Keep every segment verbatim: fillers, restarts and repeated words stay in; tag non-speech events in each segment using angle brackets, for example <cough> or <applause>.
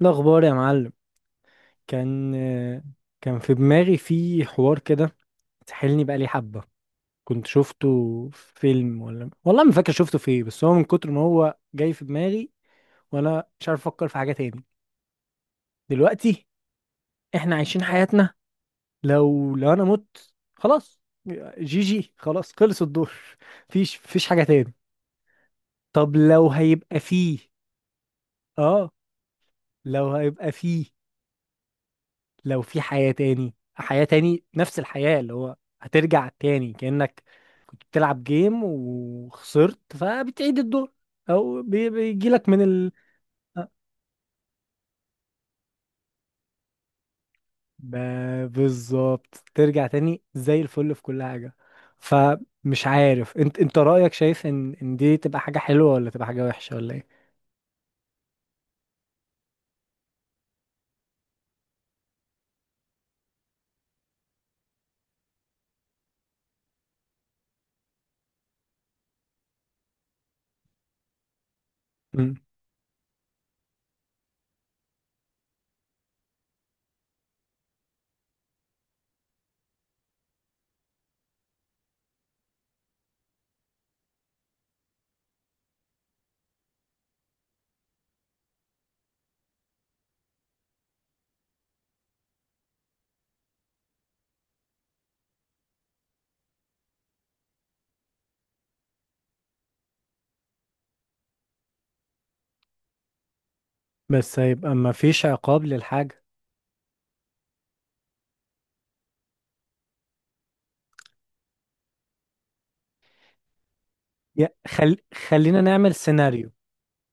الأخبار يا معلم. كان كان في دماغي في حوار كده، سحلني بقالي حبة. كنت شفته في فيلم، ولا والله ما فاكر شفته في ايه، بس هو من كتر ما هو جاي في دماغي وأنا مش عارف أفكر في حاجة تاني دلوقتي. إحنا عايشين حياتنا، لو لو أنا مت خلاص، جي جي، خلاص خلص الدور، مفيش مفيش حاجة تاني. طب لو هيبقى فيه. آه، لو هيبقى فيه، لو في حياة تاني، حياة تاني، نفس الحياة اللي هو هترجع تاني كأنك كنت بتلعب جيم وخسرت فبتعيد الدور، او بي- بيجيلك من ال آه، ب- بالظبط ترجع تاني زي الفل في كل حاجة. فمش عارف انت، انت رأيك، شايف ان ان دي تبقى حاجة حلوة ولا تبقى حاجة وحشة ولا ايه؟ مم. بس هيبقى ما فيش عقاب للحاجة. يا خل... خلينا نعمل سيناريو،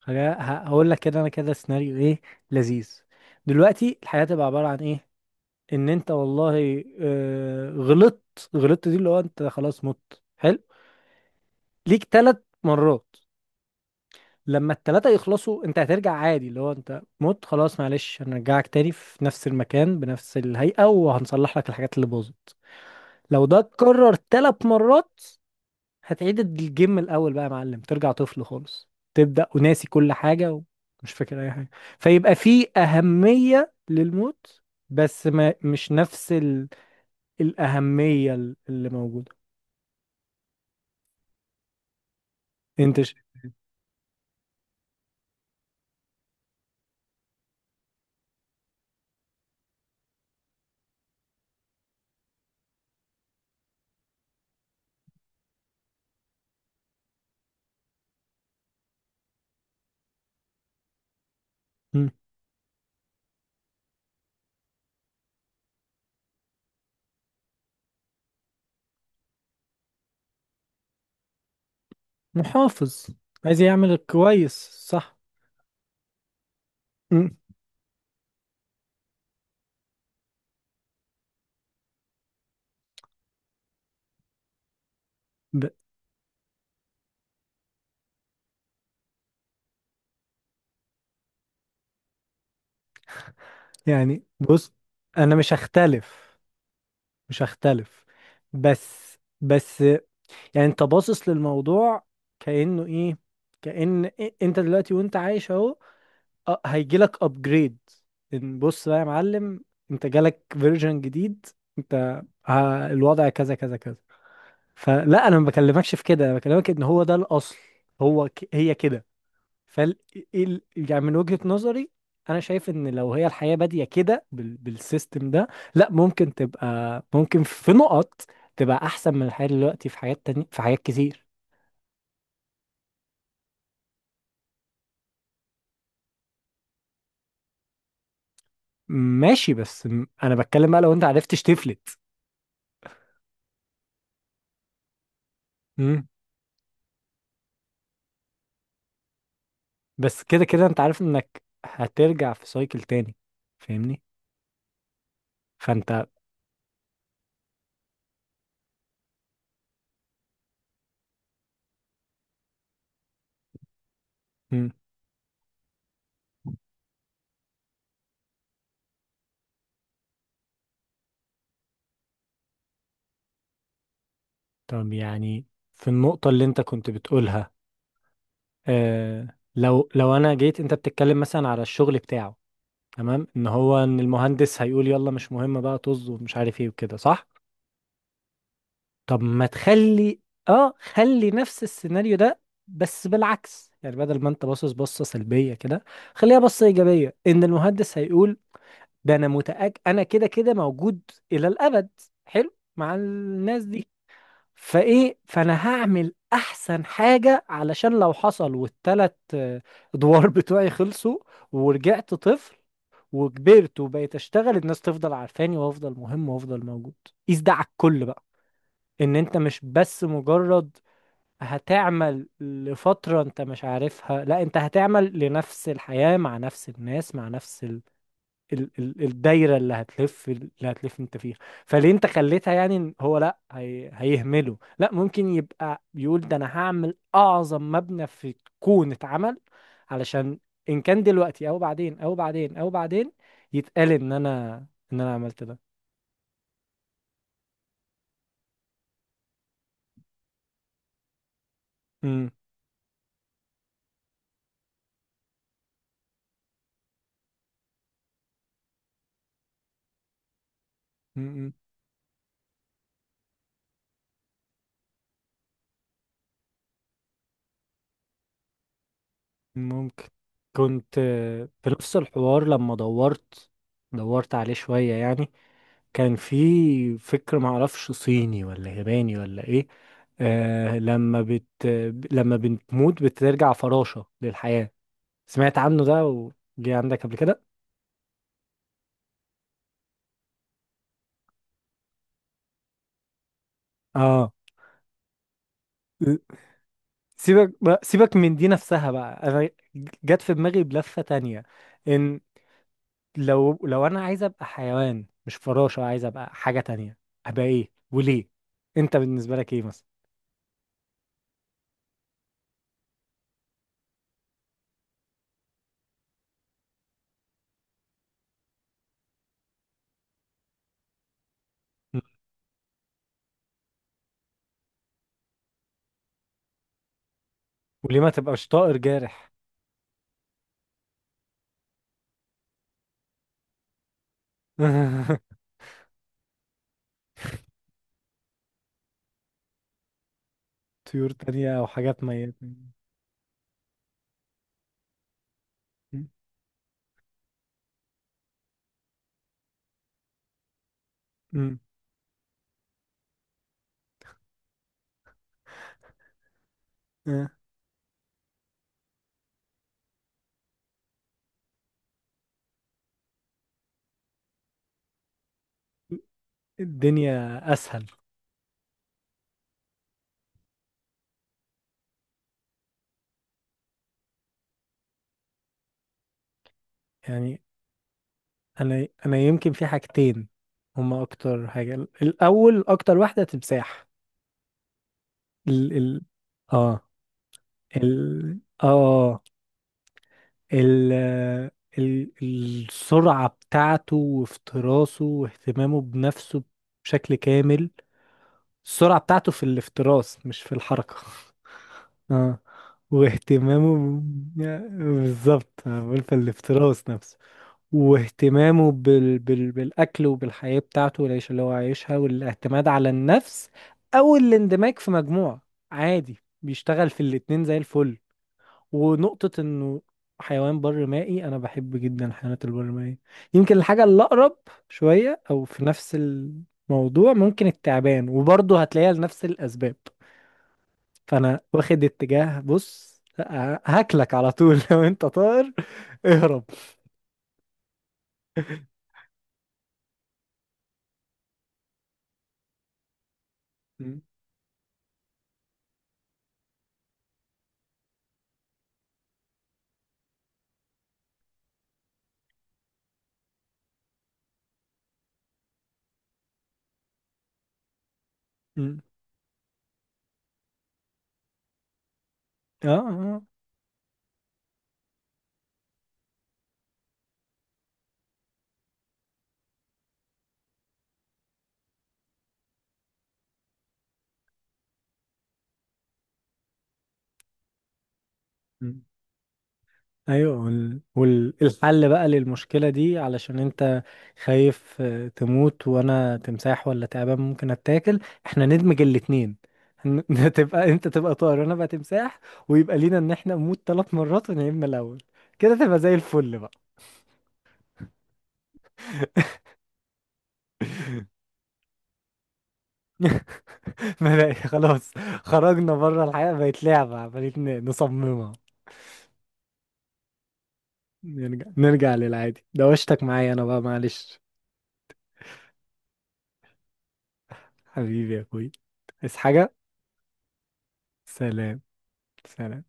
هجا- ه- هقول لك كده، انا كده سيناريو ايه؟ لذيذ. دلوقتي الحياة تبقى عبارة عن ايه؟ ان انت، والله، آه، غلطت غلطت، دي اللي هو انت خلاص مت، حلو، ليك ثلاث مرات. لما التلاتة يخلصوا انت هترجع عادي، اللي هو انت مت خلاص، معلش، هنرجعك تاني في نفس المكان بنفس الهيئة وهنصلح لك الحاجات اللي باظت. لو ده اتكرر ثلاث مرات هتعيد الجيم من الاول بقى يا معلم، ترجع طفل خالص، تبدا وناسي كل حاجه ومش فاكر اي حاجه. فيبقى في اهميه للموت، بس ما مش نفس ال... الاهميه ال- اللي موجوده. انت ش... مم. محافظ. عايز يعمل كويس. صح. مم. ب... يعني بص، انا مش هختلف مش هختلف، بس بس يعني انت باصص للموضوع كانه ايه، كأن إيه- انت دلوقتي وانت عايش اهو، أه هيجي لك ابجريد ان، بص بقى يا معلم، انت جالك فيرجن جديد، انت ه- الوضع كذا كذا كذا. فلا انا ما بكلمكش في كده، انا بكلمك ان هو ده الاصل، هو ك... هي كده. فال إيه ال- يعني من وجهة نظري انا شايف ان لو هي الحياة بادية كده بال... بالسيستم ده، لا ممكن تبقى، ممكن في نقط تبقى احسن من الحياة دلوقتي في حاجات تانية، في حاجات كتير. ماشي، بس م- انا بتكلم بقى لو انت عرفتش تفلت. بس كده كده انت عارف انك هترجع في سايكل تاني، فاهمني؟ فانت مم. طب يعني في النقطة اللي انت كنت بتقولها، اه، لو لو انا جيت، انت بتتكلم مثلا على الشغل بتاعه، تمام، ان هو ان المهندس هيقول يلا مش مهم بقى، طز، ومش عارف ايه وكده، صح. طب ما تخلي، اه، خلي نفس السيناريو ده بس بالعكس، يعني بدل ما انت باصص بصة سلبية كده خليها بصة إيجابية. إن المهندس هيقول ده، انا متأكد انا كده كده موجود الى الابد، حلو مع الناس دي، فايه، فانا هعمل احسن حاجة علشان لو حصل والتلات آه، ادوار بتوعي خلصوا ورجعت طفل وكبرت وبقيت اشتغل الناس تفضل عارفاني وافضل مهم وافضل موجود. قيس ده على الكل بقى، ان انت مش بس مجرد هتعمل لفترة انت مش عارفها، لا، انت هتعمل لنفس الحياة مع نفس الناس مع نفس ال ال الدايره اللي هتلف اللي هتلف انت فيها. فليه انت خليتها يعني ان هو، لا، هي هيهمله، لا ممكن يبقى بيقول ده، انا هعمل اعظم مبنى في الكون اتعمل علشان، ان كان دلوقتي او بعدين او بعدين او بعدين، يتقال ان انا، ان انا عملت ده. امم. امم. إمم. ممكن. كنت آه، في نفس الحوار لما دورت دورت عليه شويه يعني، كان في فكر، معرفش صيني ولا ياباني ولا ايه. آه لما بت لما بتموت بترجع فراشة للحياة، سمعت عنه ده وجي عندك قبل كده؟ اه. سيبك بقى، سيبك من دي نفسها بقى، انا جت في دماغي بلفة تانية، ان لو لو انا عايز ابقى حيوان، مش فراشة، عايز ابقى حاجة تانية، ابقى ايه وليه؟ انت بالنسبة لك ايه مثلا؟ م. وليه ما تبقاش طائر جارح؟ <laughs> طيور تانية او حاجات ميتة. امم. آه. الدنيا اسهل. يعني انا انا يمكن في حاجتين هما اكتر حاجة، الاول، اكتر واحدة تمساح. ال ال اه ال اه آه، ال ال السرعة بتاعته وافتراسه واهتمامه بنفسه بشكل كامل، السرعة بتاعته في الافتراس مش في الحركة، اه، واهتمامه ب- بالظبط، أنا بقول في الافتراس نفسه، واهتمامه بال... بال... بالأكل وبالحياة بتاعته والعيشة اللي هو عايشها والاعتماد على النفس أو الاندماج في مجموعة، عادي بيشتغل في الاتنين زي الفل. ونقطة إنه حيوان بر مائي، أنا بحب جدا الحيوانات البر مائية، يمكن الحاجة اللي أقرب شوية، أو في نفس الموضوع ممكن التعبان، وبرضه هتلاقيها لنفس الأسباب. فأنا واخد اتجاه، بص، ه- هاكلك على طول. <laughs> لو أنت طائر اهرب. م- م- آه آه ايوه، والحل وال... والحل بقى للمشكله دي، علشان انت خايف آه، تموت وانا تمساح ولا تعبان ممكن اتاكل، احنا ندمج الاتنين. هن- <laughs> تبقى انت تبقى طائر وانا بقى تمساح، ويبقى لينا ان احنا نموت ثلاث مرات ونعيد من الاول، كده تبقى زي الفل بقى. <laughs> ما بقى خلاص، خرجنا بره، الحياه بقت لعبه عمالين ن- نصممها. نرجع نرجع للعادي، دوشتك معايا انا بقى معلش. حبيبي يا اخوي، عايز حاجه؟ سلام، سلام.